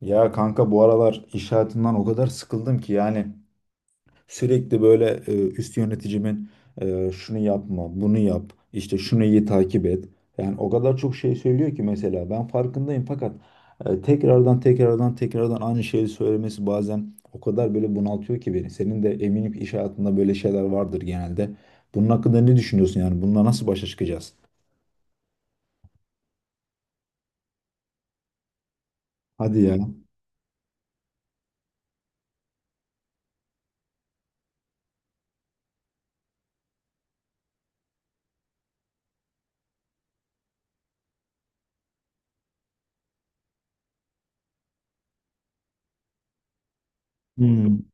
Ya kanka bu aralar iş hayatından o kadar sıkıldım ki yani sürekli böyle üst yöneticimin şunu yapma, bunu yap, işte şunu iyi takip et. Yani o kadar çok şey söylüyor ki mesela ben farkındayım fakat tekrardan aynı şeyi söylemesi bazen o kadar böyle bunaltıyor ki beni. Senin de eminim ki iş hayatında böyle şeyler vardır genelde. Bunun hakkında ne düşünüyorsun yani? Bununla nasıl başa çıkacağız? Hadi ya. Hmm.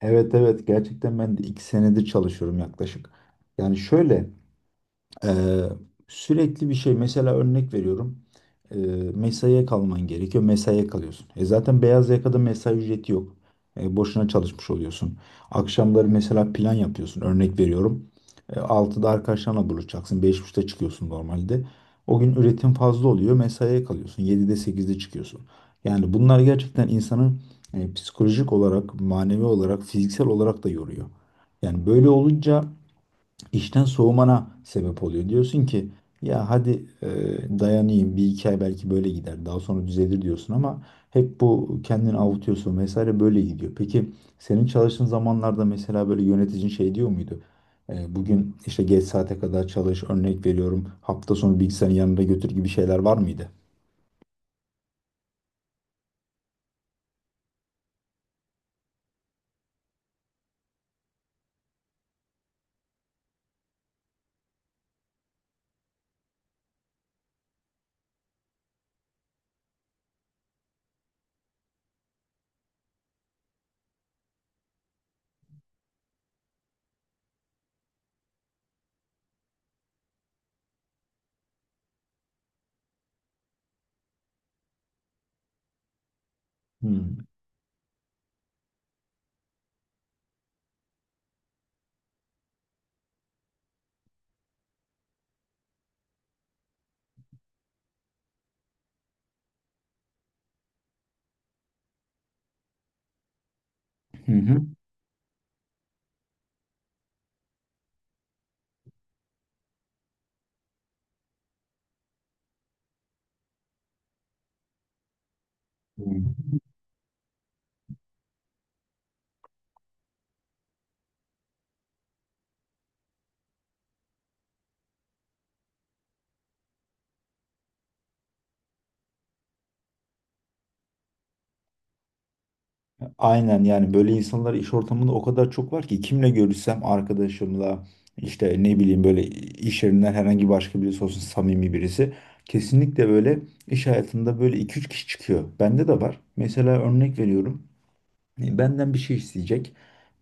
Evet, evet, gerçekten ben de iki senedir çalışıyorum yaklaşık. Yani şöyle. Ee, sürekli bir şey mesela örnek veriyorum. Ee, mesaiye kalman gerekiyor. Mesaiye kalıyorsun. E zaten beyaz yakada mesai ücreti yok. Boşuna çalışmış oluyorsun. Akşamları mesela plan yapıyorsun. Örnek veriyorum. 6'da arkadaşlarla buluşacaksın. Beş buçukta çıkıyorsun normalde. O gün üretim fazla oluyor. Mesaiye kalıyorsun. 7'de sekizde çıkıyorsun. Yani bunlar gerçekten insanı psikolojik olarak, manevi olarak, fiziksel olarak da yoruyor. Yani böyle olunca işten soğumana sebep oluyor. Diyorsun ki ya hadi dayanayım bir iki ay, belki böyle gider daha sonra düzelir diyorsun ama hep bu kendini avutuyorsun vesaire böyle gidiyor. Peki senin çalıştığın zamanlarda mesela böyle yöneticin şey diyor muydu? Bugün işte geç saate kadar çalış örnek veriyorum, hafta sonu bilgisayarın yanında götür gibi şeyler var mıydı? Hmm. Hı hı. Hı. Aynen, yani böyle insanlar iş ortamında o kadar çok var ki kimle görüşsem arkadaşımla işte ne bileyim böyle iş yerinden herhangi başka birisi olsun samimi birisi kesinlikle böyle iş hayatında böyle iki üç kişi çıkıyor. Bende de var. Mesela örnek veriyorum. Benden bir şey isteyecek.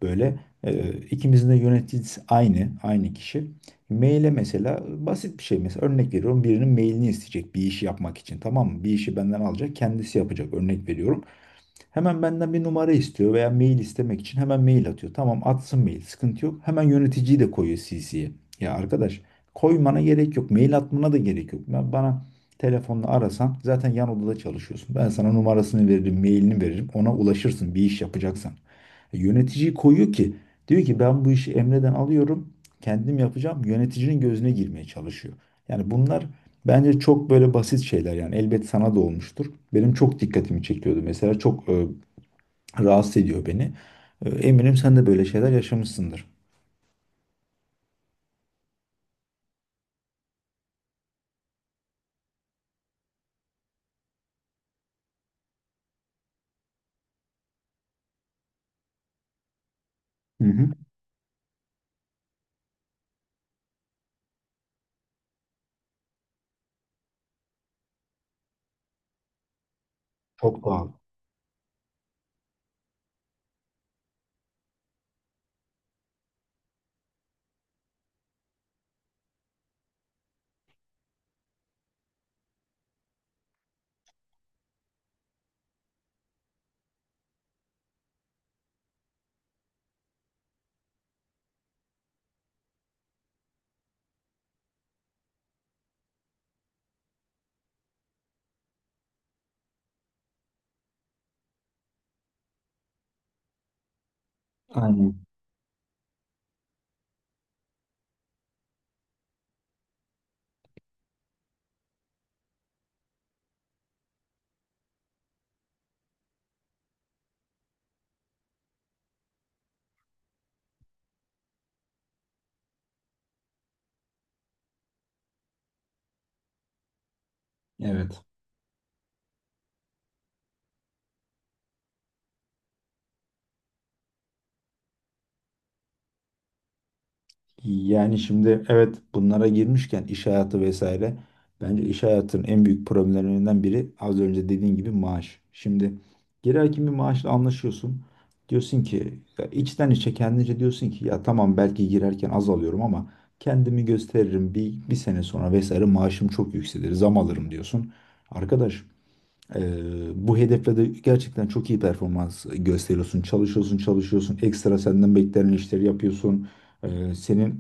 Böyle, ikimizin de yöneticisi aynı, aynı kişi. Maile mesela basit bir şey mesela örnek veriyorum, birinin mailini isteyecek bir işi yapmak için, tamam mı? Bir işi benden alacak, kendisi yapacak, örnek veriyorum. Hemen benden bir numara istiyor veya mail istemek için hemen mail atıyor. Tamam, atsın mail, sıkıntı yok. Hemen yöneticiyi de koyuyor CC'ye. Ya arkadaş, koymana gerek yok. Mail atmana da gerek yok. Ben bana telefonla arasan, zaten yan odada çalışıyorsun. Ben sana numarasını veririm, mailini veririm. Ona ulaşırsın bir iş yapacaksan. Yöneticiyi koyuyor ki, diyor ki ben bu işi Emre'den alıyorum. Kendim yapacağım. Yöneticinin gözüne girmeye çalışıyor. Yani bunlar, bence çok böyle basit şeyler yani, elbet sana da olmuştur. Benim çok dikkatimi çekiyordu mesela, çok rahatsız ediyor beni. Eminim sen de böyle şeyler yaşamışsındır. Hı hı. Çok pahalı. Aynen. Evet. Yani şimdi, evet, bunlara girmişken iş hayatı vesaire, bence iş hayatının en büyük problemlerinden biri az önce dediğin gibi maaş. Şimdi girerken bir maaşla anlaşıyorsun. Diyorsun ki ya içten içe kendince diyorsun ki ya tamam, belki girerken az alıyorum ama kendimi gösteririm, bir sene sonra vesaire maaşım çok yükselir, zam alırım diyorsun. Arkadaş, eee, bu hedefle de gerçekten çok iyi performans gösteriyorsun, çalışıyorsun, çalışıyorsun, ekstra senden beklenen işleri yapıyorsun. Senin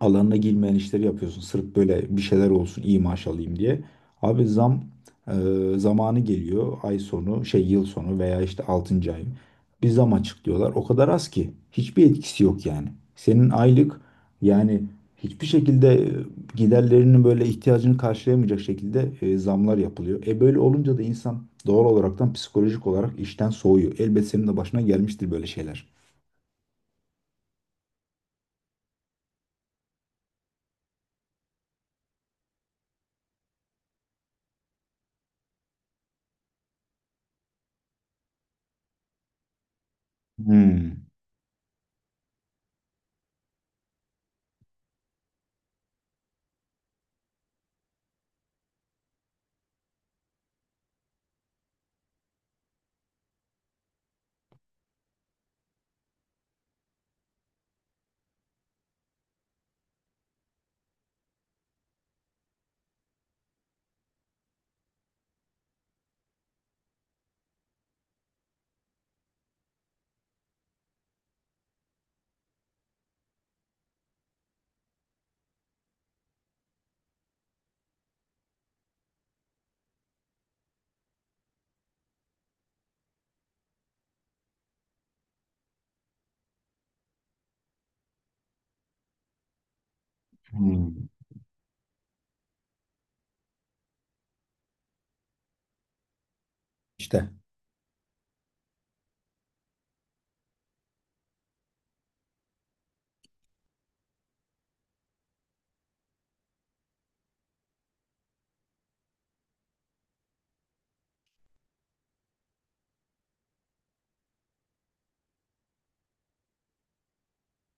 alanına girmeyen işleri yapıyorsun. Sırf böyle bir şeyler olsun, iyi maaş alayım diye. Abi zam e, zamanı geliyor. Ay sonu, şey, yıl sonu veya işte 6. ay. Bir zam açıklıyorlar. O kadar az ki. Hiçbir etkisi yok yani. Senin aylık, yani hiçbir şekilde giderlerinin böyle ihtiyacını karşılayamayacak şekilde zamlar yapılıyor. E böyle olunca da insan doğal olaraktan psikolojik olarak işten soğuyor. Elbet senin de başına gelmiştir böyle şeyler. Hmm. Hmm. İşte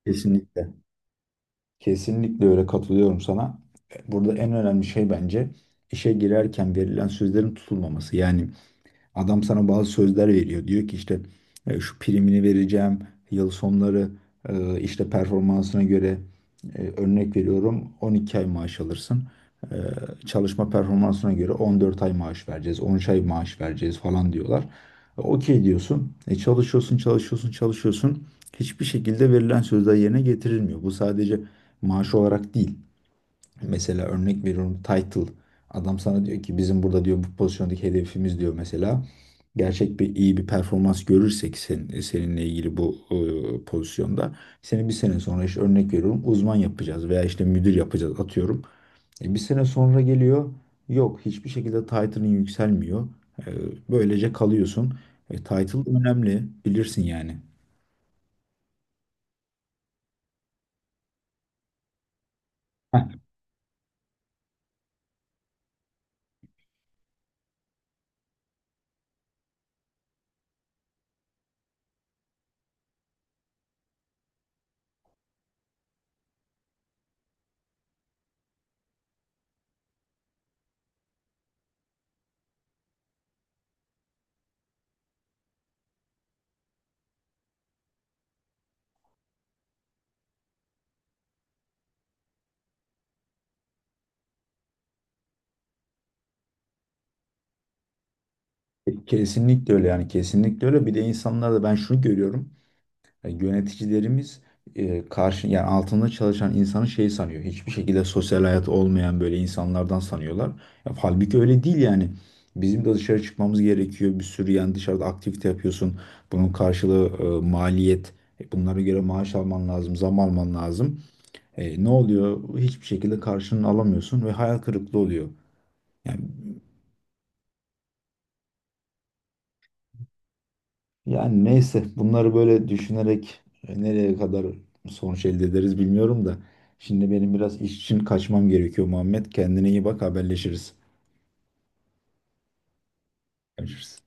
kesinlikle. Kesinlikle öyle, katılıyorum sana. Burada en önemli şey bence işe girerken verilen sözlerin tutulmaması. Yani adam sana bazı sözler veriyor. Diyor ki işte şu primini vereceğim, yıl sonları işte performansına göre örnek veriyorum 12 ay maaş alırsın. E, Çalışma performansına göre 14 ay maaş vereceğiz, 13 ay maaş vereceğiz falan diyorlar. Okey diyorsun. Çalışıyorsun, çalışıyorsun, çalışıyorsun. Hiçbir şekilde verilen sözler yerine getirilmiyor. Bu sadece maaş olarak değil. Mesela örnek veriyorum, title. Adam sana diyor ki bizim burada, diyor, bu pozisyondaki hedefimiz, diyor mesela. Gerçek bir iyi bir performans görürsek sen, seninle ilgili bu pozisyonda seni bir sene sonra işte örnek veriyorum uzman yapacağız veya işte müdür yapacağız atıyorum. Bir sene sonra geliyor, yok, hiçbir şekilde title'ın yükselmiyor. E, böylece kalıyorsun. Title önemli bilirsin yani. Heh, kesinlikle öyle yani, kesinlikle öyle. Bir de insanlarda ben şunu görüyorum. Yani yöneticilerimiz karşı, yani altında çalışan insanı şey sanıyor. Hiçbir şekilde sosyal hayat olmayan böyle insanlardan sanıyorlar. Ya, halbuki öyle değil yani. Bizim de dışarı çıkmamız gerekiyor. Bir sürü yani dışarıda aktivite yapıyorsun. Bunun karşılığı maliyet. Bunlara göre maaş alman lazım, zam alman lazım. Ne oluyor? Hiçbir şekilde karşılığını alamıyorsun ve hayal kırıklığı oluyor. Yani Yani neyse, bunları böyle düşünerek nereye kadar sonuç elde ederiz bilmiyorum da. Şimdi benim biraz iş için kaçmam gerekiyor Muhammed. Kendine iyi bak, haberleşiriz. Görüşürüz.